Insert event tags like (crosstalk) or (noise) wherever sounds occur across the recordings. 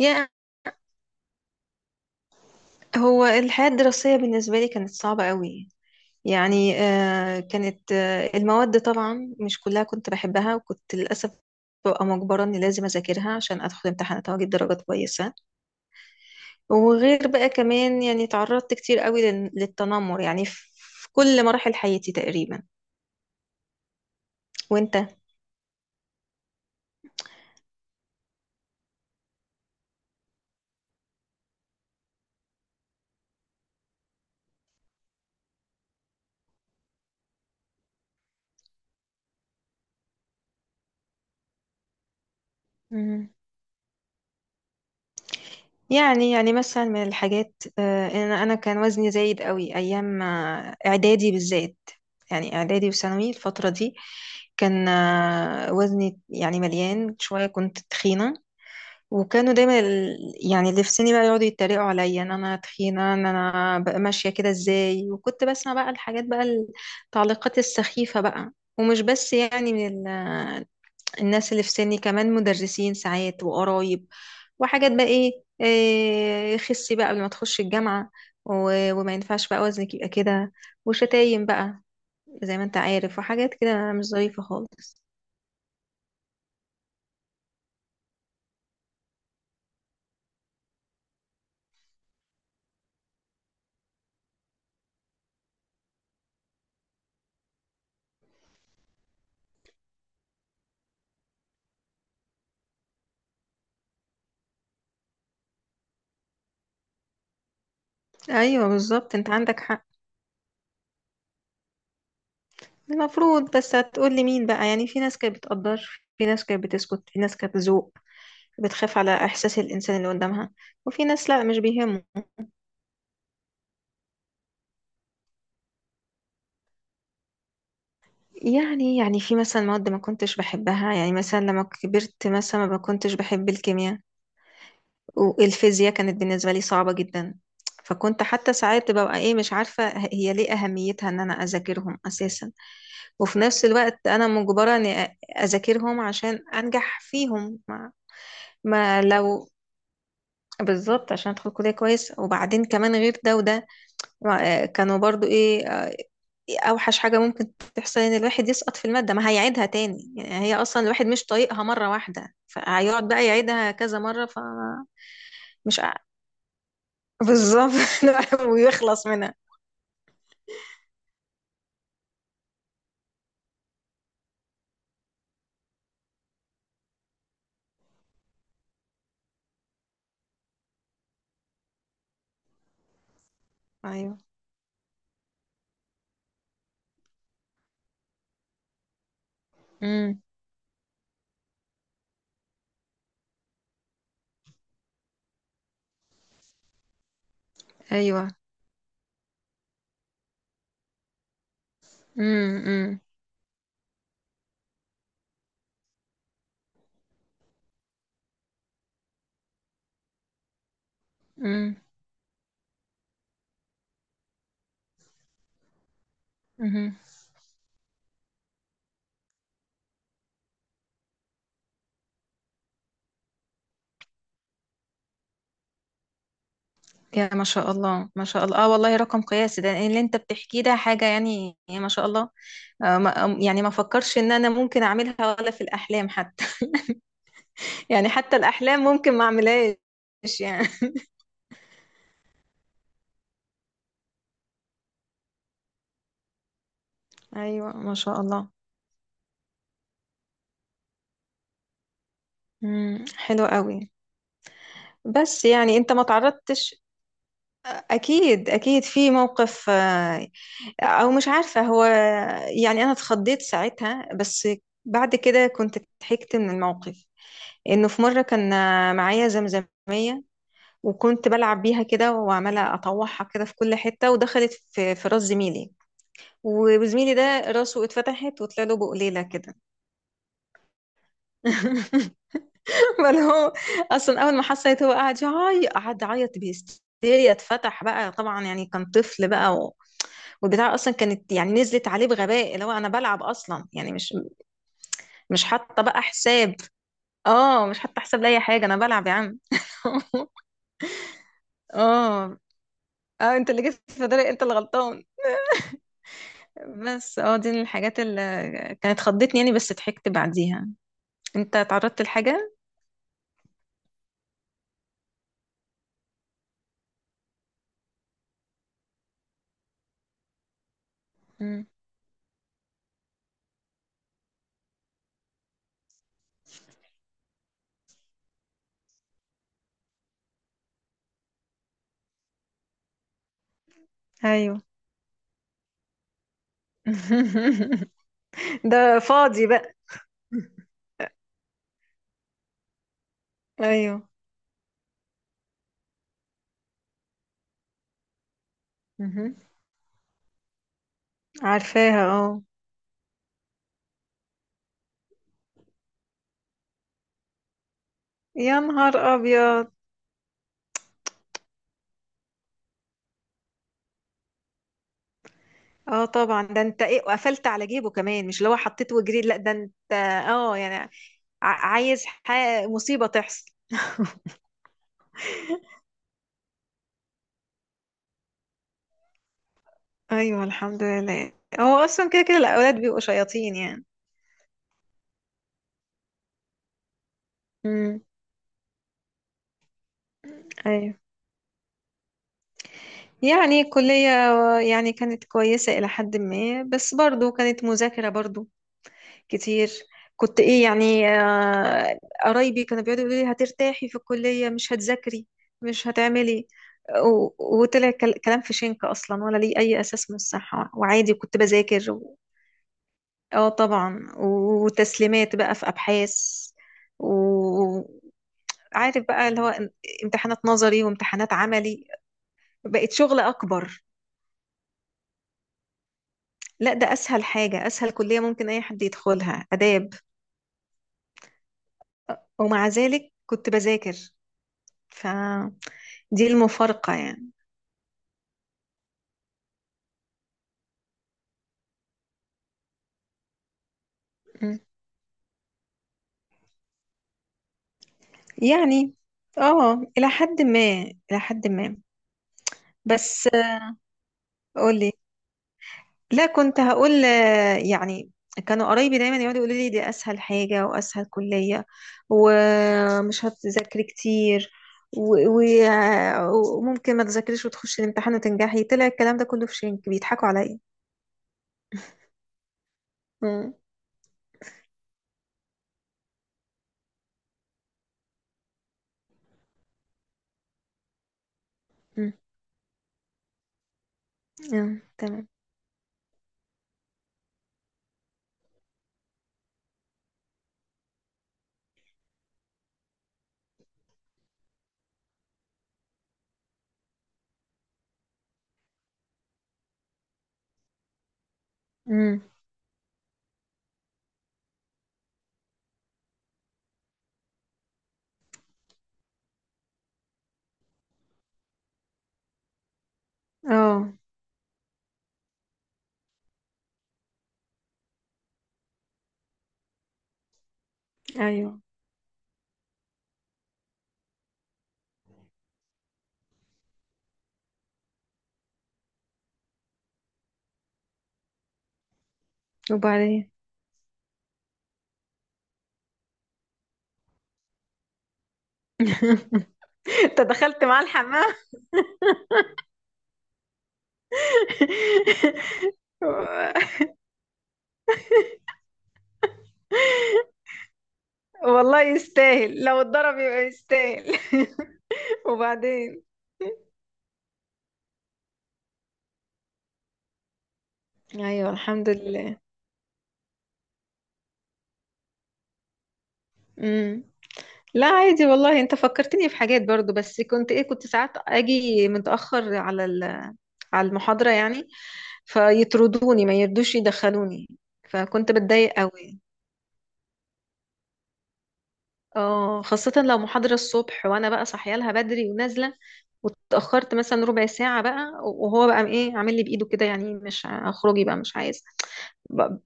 يا هو الحياة الدراسية بالنسبة لي كانت صعبة قوي. يعني كانت المواد طبعا مش كلها كنت بحبها، وكنت للأسف ببقى مجبرة إني لازم أذاكرها عشان أدخل امتحانات وأجيب درجات كويسة. وغير بقى كمان يعني تعرضت كتير قوي للتنمر يعني في كل مراحل حياتي تقريبا. وأنت؟ يعني مثلا من الحاجات، ان انا كان وزني زايد قوي ايام اعدادي بالذات. يعني اعدادي وثانوي الفتره دي، كان وزني يعني مليان شويه، كنت تخينه. وكانوا دايما يعني اللي في سني بقى يقعدوا يتريقوا عليا ان انا تخينه، ان انا بقى ماشيه كده ازاي، وكنت بسمع بقى الحاجات بقى، التعليقات السخيفه بقى. ومش بس يعني من الناس اللي في سني، كمان مدرسين ساعات وقرايب، وحاجات بقى ايه, إيه خسي بقى قبل ما تخش الجامعة، وما ينفعش بقى وزنك يبقى كده، وشتايم بقى زي ما انت عارف، وحاجات كده مش ظريفة خالص. ايوه بالظبط، انت عندك حق. المفروض، بس هتقول لي مين بقى؟ يعني في ناس كانت بتقدر، في ناس كانت بتسكت، في ناس كانت بتذوق، بتخاف على احساس الانسان اللي قدامها، وفي ناس لا مش بيهمه. يعني في مثلا مواد ما كنتش بحبها، يعني مثلا لما كبرت مثلا ما كنتش بحب الكيمياء، والفيزياء كانت بالنسبة لي صعبة جدا. فكنت حتى ساعات ببقى ايه مش عارفة هي ليه أهميتها ان انا اذاكرهم اساسا، وفي نفس الوقت انا مجبرة اني اذاكرهم عشان انجح فيهم ما, ما لو بالظبط، عشان ادخل كلية كويس، وبعدين كمان غير ده وده كانوا برضو ايه اوحش حاجة ممكن تحصل ان الواحد يسقط في المادة ما هيعيدها تاني. يعني هي اصلا الواحد مش طايقها مرة واحدة، فهيقعد بقى يعيدها كذا مرة. فمش بالظبط. (laughs) لا، ويخلص منها. ايوه. امم. ايوه. امم. امم. امم. أمم. يا ما شاء الله، ما شاء الله، اه والله رقم قياسي ده اللي انت بتحكيه، ده حاجة يعني ما شاء الله. ما يعني ما فكرش ان انا ممكن اعملها ولا في الاحلام حتى. (laughs) يعني حتى الاحلام ممكن ما اعملهاش يعني. (laughs) ايوه ما شاء الله. امم. حلو قوي. بس يعني انت ما تعرضتش؟ اكيد اكيد في موقف او مش عارفة هو، يعني انا اتخضيت ساعتها، بس بعد كده كنت ضحكت من الموقف. انه في مرة كان معايا زمزمية، وكنت بلعب بيها كده، وعمالة اطوحها كده في كل حتة، ودخلت في راس زميلي. وزميلي ده راسه اتفتحت وطلع له بقليلة كده. (laughs) بل هو اصلا اول ما حسيت، هو قعد يعيط قعد يعيط بهستيريا، اتفتح بقى طبعا يعني كان طفل بقى والبتاع اصلا كانت يعني نزلت عليه بغباء، اللي هو انا بلعب اصلا يعني مش حاطه بقى حساب. اه مش حاطه حساب لاي حاجه، انا بلعب يا عم. (laughs) اه اه، انت اللي جيت في داري، انت اللي غلطان. بس اه دي من الحاجات اللي كانت خضتني يعني، بس ضحكت بعديها. انت اتعرضت لحاجه؟ مم. ايوه. (laughs) ده فاضي بقى. ايوه. مهم. عارفاها اه. يا نهار ابيض. اه طبعا، ده انت ايه وقفلت على جيبه كمان؟ مش اللي هو حطيته وجريت؟ لا ده انت اه يعني عايز مصيبه تحصل. ايوه الحمد لله. هو اصلا كده كده الاولاد بيبقوا شياطين يعني. امم. ايوه. يعني الكلية، يعني كانت كويسة إلى حد ما، بس برضو كانت مذاكرة برضو كتير. كنت إيه يعني قرايبي كانوا بيقعدوا يقولوا لي هترتاحي في الكلية، مش هتذاكري، مش هتعملي، و- وطلع كلام في شنك أصلا، ولا ليه أي أساس من الصحة. وعادي كنت بذاكر اه طبعا، وتسليمات بقى في أبحاث، عارف بقى اللي هو امتحانات نظري وامتحانات عملي، بقت شغل أكبر. لا ده أسهل حاجة، أسهل كلية ممكن أي حد يدخلها، آداب. ومع ذلك كنت بذاكر، فدي المفارقة يعني. م. يعني اه إلى حد ما، إلى حد ما، بس قولي. لا كنت هقول يعني كانوا قرايبي دايما يقعدوا يقولوا لي دي اسهل حاجه واسهل كليه، ومش هتذاكري كتير، و- و- وممكن ما تذاكريش وتخشي الامتحان وتنجحي. طلع الكلام ده كله في شنك، بيضحكوا عليا. مم. مم. تمام. مم. اه ايوه وبعدين. (laughs) انت دخلت مع الحمام؟ (laughs) والله يستاهل، لو اتضرب يبقى يستاهل. (laughs) وبعدين. ايوه الحمد لله. مم. لا عادي والله، انت فكرتني في حاجات برضو. بس كنت كنت ساعات اجي متأخر على على المحاضرة يعني، فيطردوني، ما يردوش يدخلوني، فكنت بتضايق قوي. اه خاصة لو محاضرة الصبح، وانا بقى صاحيه لها بدري ونازلة، واتأخرت مثلا ربع ساعة بقى، وهو بقى ايه عامل لي بإيده كده يعني مش اخرجي بقى مش عايز. ب-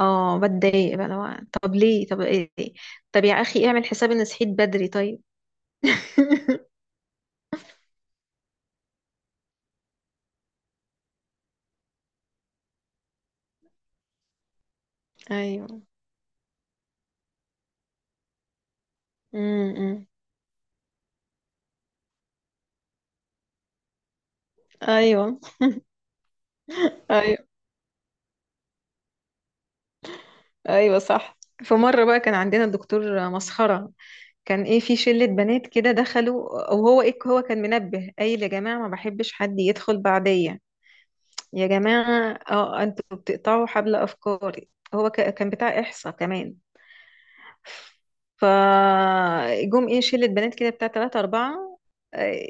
اه بتضايق بقى لو. طب ليه؟ طب ايه؟ طب يا اخي اعمل حساب ان صحيت بدري، طيب. (laughs) ايوه. امم. ايوه. ايوه. ايوه صح. في مره بقى كان عندنا الدكتور مسخره، كان ايه في شله بنات كده دخلوا، او هو ايه هو كان منبه قايل يا جماعه ما بحبش حد يدخل بعديا، يا جماعه انتوا بتقطعوا حبل افكاري. هو كان بتاع احصاء كمان. فجم ايه شلة بنات كده بتاع تلاتة أربعة، آه،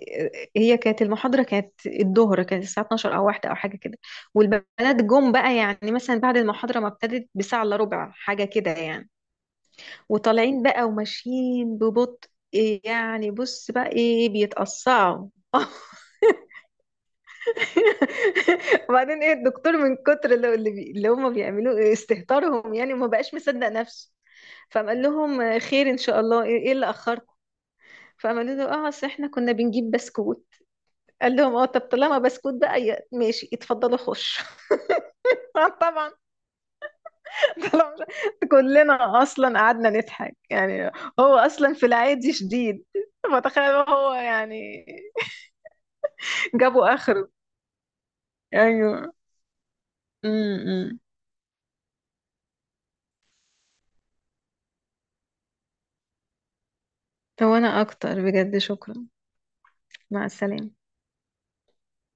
هي كانت المحاضرة، كانت الظهر، كانت الساعة 12 أو واحدة أو حاجة كده. والبنات جم بقى يعني مثلا بعد المحاضرة ما ابتدت بساعة إلا ربع حاجة كده يعني، وطالعين بقى وماشيين ببطء إيه يعني، بص بقى ايه بيتقصعوا. (laughs) وبعدين ايه الدكتور من كتر اللي اللي هم بيعملوه استهتارهم، يعني ما بقاش مصدق نفسه. فقال لهم خير ان شاء الله ايه، إيه اللي اخركم؟ فعملوا له اصل احنا كنا بنجيب بسكوت. قال لهم طب طالما بسكوت بقى ماشي، اتفضلوا خش. (laughs) طبعا، طالما (laughs) كلنا اصلا قعدنا نضحك يعني. هو اصلا في العادي شديد، فتخيل هو يعني جابوا اخره. ايوه. امم. هو انا اكتر، بجد شكرا. مع السلامة.